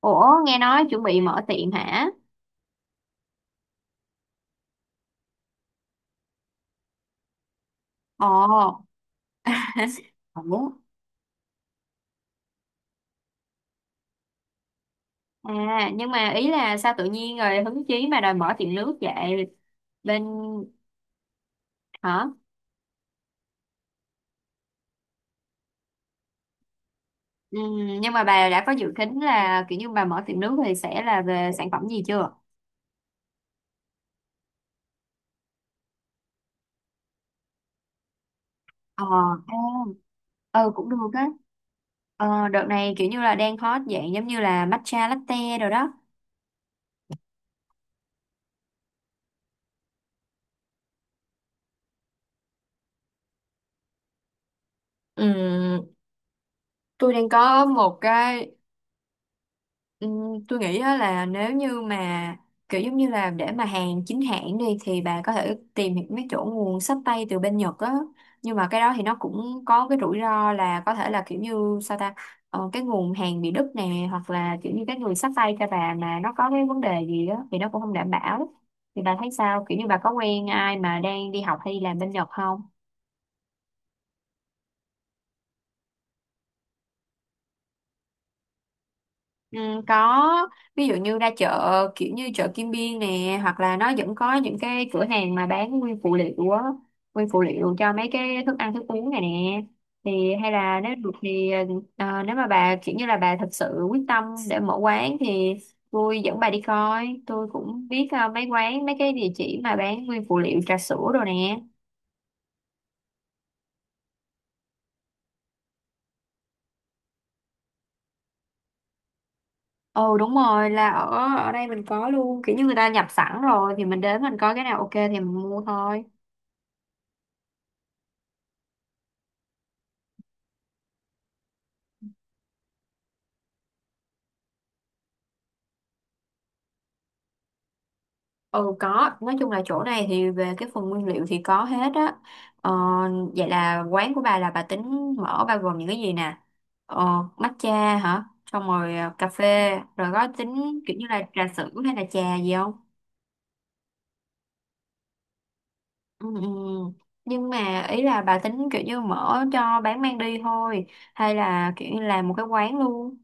Ủa, nghe nói chuẩn bị mở tiệm hả? Ồ, Ủa? Nhưng mà ý là sao tự nhiên rồi hứng chí mà đòi mở tiệm nước vậy? Bên, Hả? Ừ, nhưng mà bà đã có dự tính là kiểu như bà mở tiệm nước thì sẽ là về sản phẩm gì chưa? Ờ, à, ừ cũng được á. Ờ, đợt này kiểu như là đang hot dạng giống như là matcha latte rồi đó. ừm, tôi đang có một cái. Ừ, tôi nghĩ á là nếu như mà kiểu giống như là để mà hàng chính hãng đi thì bà có thể tìm những mấy chỗ nguồn xách tay từ bên Nhật á, nhưng mà cái đó thì nó cũng có cái rủi ro là có thể là kiểu như sao ta cái nguồn hàng bị đứt nè, hoặc là kiểu như cái người xách tay cho bà mà nó có cái vấn đề gì đó thì nó cũng không đảm bảo. Thì bà thấy sao, kiểu như bà có quen ai mà đang đi học hay đi làm bên Nhật không? Ừ, có, ví dụ như ra chợ kiểu như chợ Kim Biên nè, hoặc là nó vẫn có những cái cửa hàng mà bán nguyên phụ liệu á, nguyên phụ liệu cho mấy cái thức ăn thức uống này nè. Thì hay là nếu được thì nếu mà bà kiểu như là bà thật sự quyết tâm để mở quán thì tôi dẫn bà đi coi, tôi cũng biết mấy quán, mấy cái địa chỉ mà bán nguyên phụ liệu trà sữa rồi nè. Ồ đúng rồi, là ở ở đây mình có luôn, kiểu như người ta nhập sẵn rồi thì mình đến mình coi cái nào ok thì mình mua thôi. Ừ có, nói chung là chỗ này thì về cái phần nguyên liệu thì có hết á. Ờ, vậy là quán của bà là bà tính mở bao gồm những cái gì nè? Ờ, matcha hả? Xong rồi à, cà phê, rồi có tính kiểu như là trà sữa hay là trà gì không? Ừ. Nhưng mà ý là bà tính kiểu như mở cho bán mang đi thôi, hay là kiểu như làm một cái quán luôn.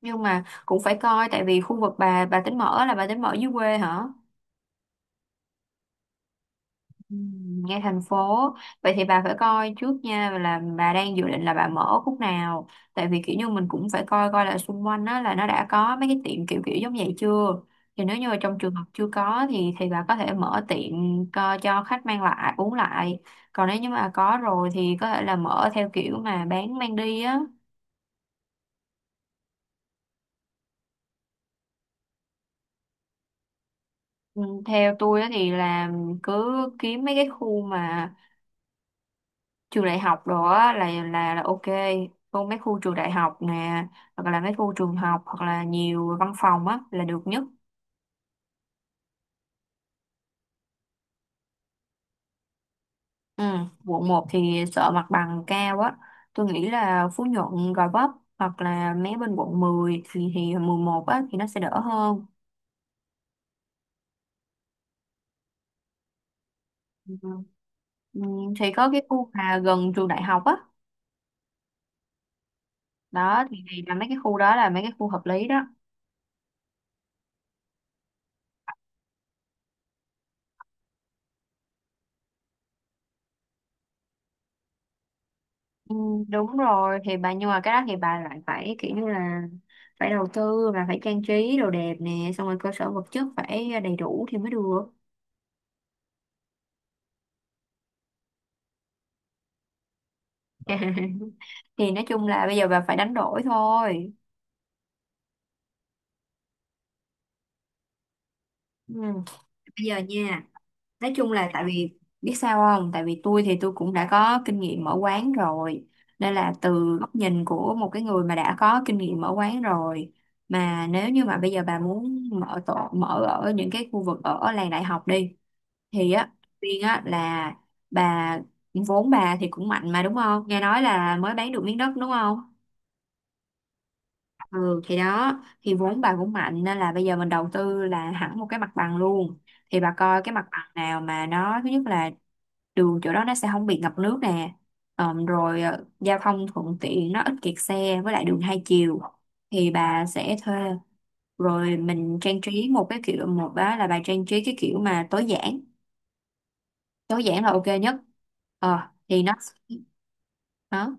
Nhưng mà cũng phải coi, tại vì khu vực bà tính mở là bà tính mở dưới quê hả? Ừ, ngay thành phố. Vậy thì bà phải coi trước nha, là bà đang dự định là bà mở khúc nào, tại vì kiểu như mình cũng phải coi coi là xung quanh đó là nó đã có mấy cái tiệm kiểu kiểu giống vậy chưa, thì nếu như mà trong trường hợp chưa có thì bà có thể mở tiệm cho khách mang lại uống lại, còn nếu như mà có rồi thì có thể là mở theo kiểu mà bán mang đi á. Ừ, theo tôi á thì là cứ kiếm mấy cái khu mà trường đại học đó á, là ok, còn mấy khu trường đại học nè, hoặc là mấy khu trường học, hoặc là nhiều văn phòng á là được nhất. Ừ. quận 1 thì sợ mặt bằng cao á, tôi nghĩ là Phú Nhuận, Gò Vấp hoặc là mấy bên quận 10 thì 11 á thì nó sẽ đỡ hơn. Ừ. Ừ, thì có cái khu mà gần trường đại học á, đó thì là mấy cái khu đó là mấy cái khu hợp lý đó. Ừ, đúng rồi thì bà, nhưng mà cái đó thì bà lại phải kiểu như là phải đầu tư và phải trang trí đồ đẹp nè, xong rồi cơ sở vật chất phải đầy đủ thì mới được. Thì nói chung là bây giờ bà phải đánh đổi thôi. Ừ. Bây giờ nha, nói chung là tại vì biết sao không, tại vì tôi thì tôi cũng đã có kinh nghiệm mở quán rồi, nên là từ góc nhìn của một cái người mà đã có kinh nghiệm mở quán rồi, mà nếu như mà bây giờ bà muốn mở tổ mở ở những cái khu vực ở làng đại học đi thì á, Quyên á là bà, vốn bà thì cũng mạnh mà đúng không, nghe nói là mới bán được miếng đất đúng không. Ừ thì đó, thì vốn bà cũng mạnh, nên là bây giờ mình đầu tư là hẳn một cái mặt bằng luôn. Thì bà coi cái mặt bằng nào mà nó thứ nhất là đường chỗ đó nó sẽ không bị ngập nước nè, giao thông thuận tiện, nó ít kẹt xe với lại đường hai chiều thì bà sẽ thuê, rồi mình trang trí một cái kiểu, một đó là bà trang trí cái kiểu mà tối giản, tối giản là ok nhất. ờ thì nó đó.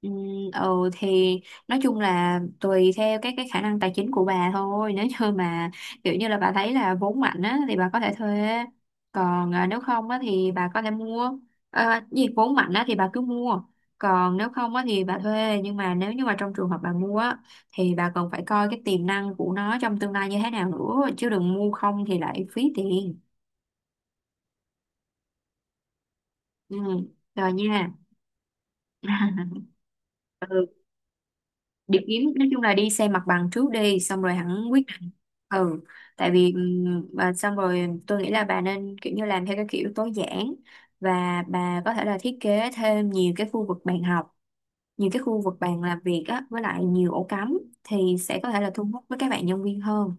Ừ, ừ thì nói chung là tùy theo cái khả năng tài chính của bà thôi, nếu như mà kiểu như là bà thấy là vốn mạnh á thì bà có thể thuê, còn à, nếu không á thì bà có thể mua. À, gì vốn mạnh á thì bà cứ mua, còn nếu không á thì bà thuê, nhưng mà nếu như mà trong trường hợp bà mua á thì bà còn phải coi cái tiềm năng của nó trong tương lai như thế nào nữa, chứ đừng mua không thì lại phí tiền. Ừ rồi nha. Ừ đi kiếm, nói chung là đi xem mặt bằng trước đi xong rồi hẳn quyết định. Ừ tại vì và xong rồi tôi nghĩ là bà nên kiểu như làm theo cái kiểu tối giản, và bà có thể là thiết kế thêm nhiều cái khu vực bàn học, nhiều cái khu vực bàn làm việc á với lại nhiều ổ cắm, thì sẽ có thể là thu hút với các bạn nhân viên hơn.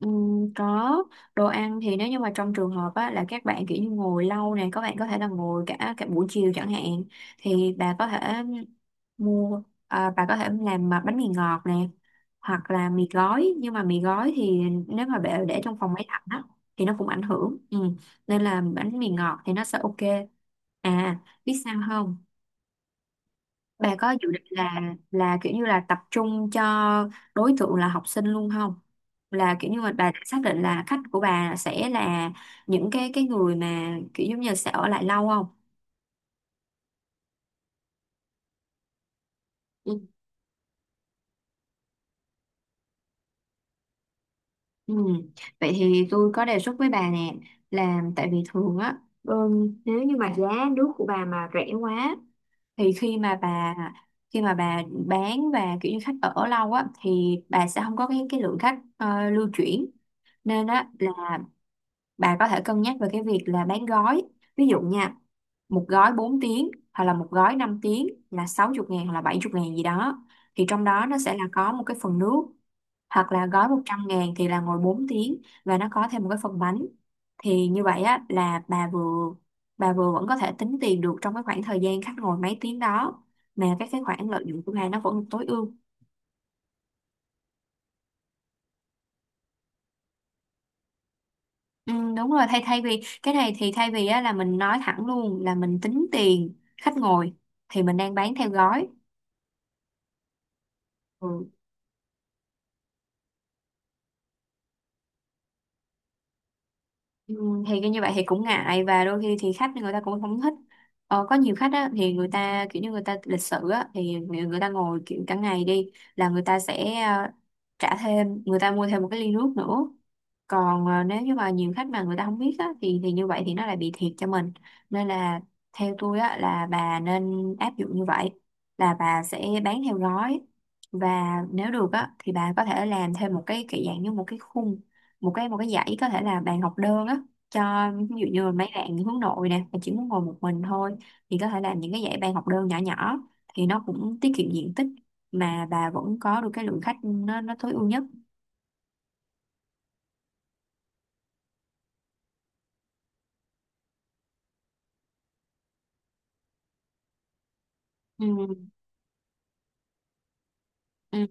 Có, đồ ăn thì nếu như mà trong trường hợp á, là các bạn kiểu như ngồi lâu nè, các bạn có thể là ngồi cả cả buổi chiều chẳng hạn thì bà có thể mua à, bà có thể làm mà bánh mì ngọt nè, hoặc là mì gói, nhưng mà mì gói thì nếu mà bà để trong phòng máy lạnh á thì nó cũng ảnh hưởng ừ. Nên là bánh mì ngọt thì nó sẽ ok. À, biết sao không, bà có dự định là kiểu như là tập trung cho đối tượng là học sinh luôn không? Là kiểu như mà bà đã xác định là khách của bà sẽ là những cái người mà kiểu giống như là sẽ ở lại lâu không? Ừ. Ừ. Vậy thì tôi có đề xuất với bà nè, là tại vì thường á nếu như mà giá nước của bà mà rẻ quá thì khi mà bà bán và kiểu như khách ở lâu á thì bà sẽ không có cái lượng khách lưu chuyển, nên á là bà có thể cân nhắc về cái việc là bán gói. Ví dụ nha, một gói 4 tiếng hoặc là một gói 5 tiếng là 60 ngàn hoặc là 70 ngàn gì đó, thì trong đó nó sẽ là có một cái phần nước, hoặc là gói 100.000 thì là ngồi 4 tiếng và nó có thêm một cái phần bánh. Thì như vậy á là bà vừa vẫn có thể tính tiền được trong cái khoảng thời gian khách ngồi mấy tiếng đó, mà các cái khoản lợi nhuận của bà nó vẫn tối ưu. Ừ, đúng rồi, thay thay vì cái này thì thay vì á, là mình nói thẳng luôn là mình tính tiền khách ngồi thì mình đang bán theo gói. Ừ. Ừ, thì cái như vậy thì cũng ngại và đôi khi thì khách người ta cũng không thích. Ờ, có nhiều khách á, thì người ta kiểu như người ta lịch sự á, thì người, người ta ngồi kiểu cả ngày đi là người ta sẽ trả thêm, người ta mua thêm một cái ly nước nữa. Còn nếu như mà nhiều khách mà người ta không biết á, thì như vậy thì nó lại bị thiệt cho mình, nên là theo tôi á, là bà nên áp dụng như vậy, là bà sẽ bán theo gói. Và nếu được á, thì bà có thể làm thêm một cái kiểu dạng như một cái khung, một cái dãy có thể là bàn học đơn á, cho ví dụ như là mấy bạn hướng nội nè mà chỉ muốn ngồi một mình thôi, thì có thể làm những cái dãy bàn học đơn nhỏ nhỏ thì nó cũng tiết kiệm diện tích, mà bà vẫn có được cái lượng khách nó tối ưu nhất. Ừ, ừ,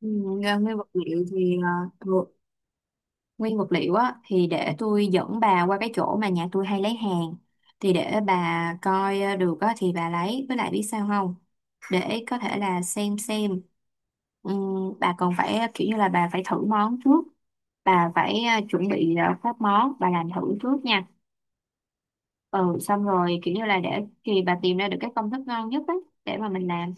ừ. Nguyên vật liệu thì nguyên vật liệu á thì để tôi dẫn bà qua cái chỗ mà nhà tôi hay lấy hàng, thì để bà coi được á thì bà lấy, với lại biết sao không, để có thể là xem. Bà còn phải kiểu như là bà phải thử món trước, bà phải chuẩn bị các món bà làm thử trước nha. Ừ xong rồi kiểu như là để thì bà tìm ra được cái công thức ngon nhất á để mà mình làm.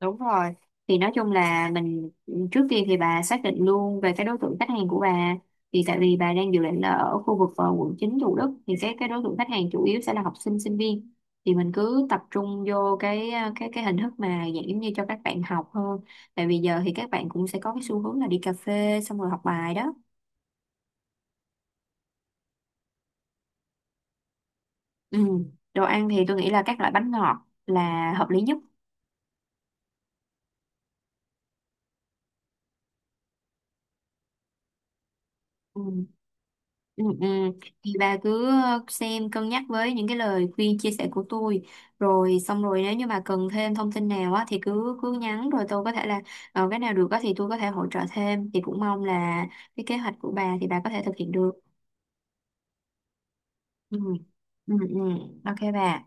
Đúng rồi. Thì nói chung là mình trước tiên thì bà xác định luôn về cái đối tượng khách hàng của bà. Thì tại vì bà đang dự định là ở khu vực quận 9 Thủ Đức thì cái đối tượng khách hàng chủ yếu sẽ là học sinh sinh viên. Thì mình cứ tập trung vô cái cái hình thức mà dạng giống như cho các bạn học hơn. Tại vì giờ thì các bạn cũng sẽ có cái xu hướng là đi cà phê xong rồi học bài đó. Ừ. Đồ ăn thì tôi nghĩ là các loại bánh ngọt là hợp lý nhất. Ừ. Ừ. Thì bà cứ xem cân nhắc với những cái lời khuyên chia sẻ của tôi, rồi xong rồi nếu như bà cần thêm thông tin nào á thì cứ cứ nhắn, rồi tôi có thể là cái nào được á thì tôi có thể hỗ trợ thêm, thì cũng mong là cái kế hoạch của bà thì bà có thể thực hiện được. Ừ. Ừ, ừ. Ok bà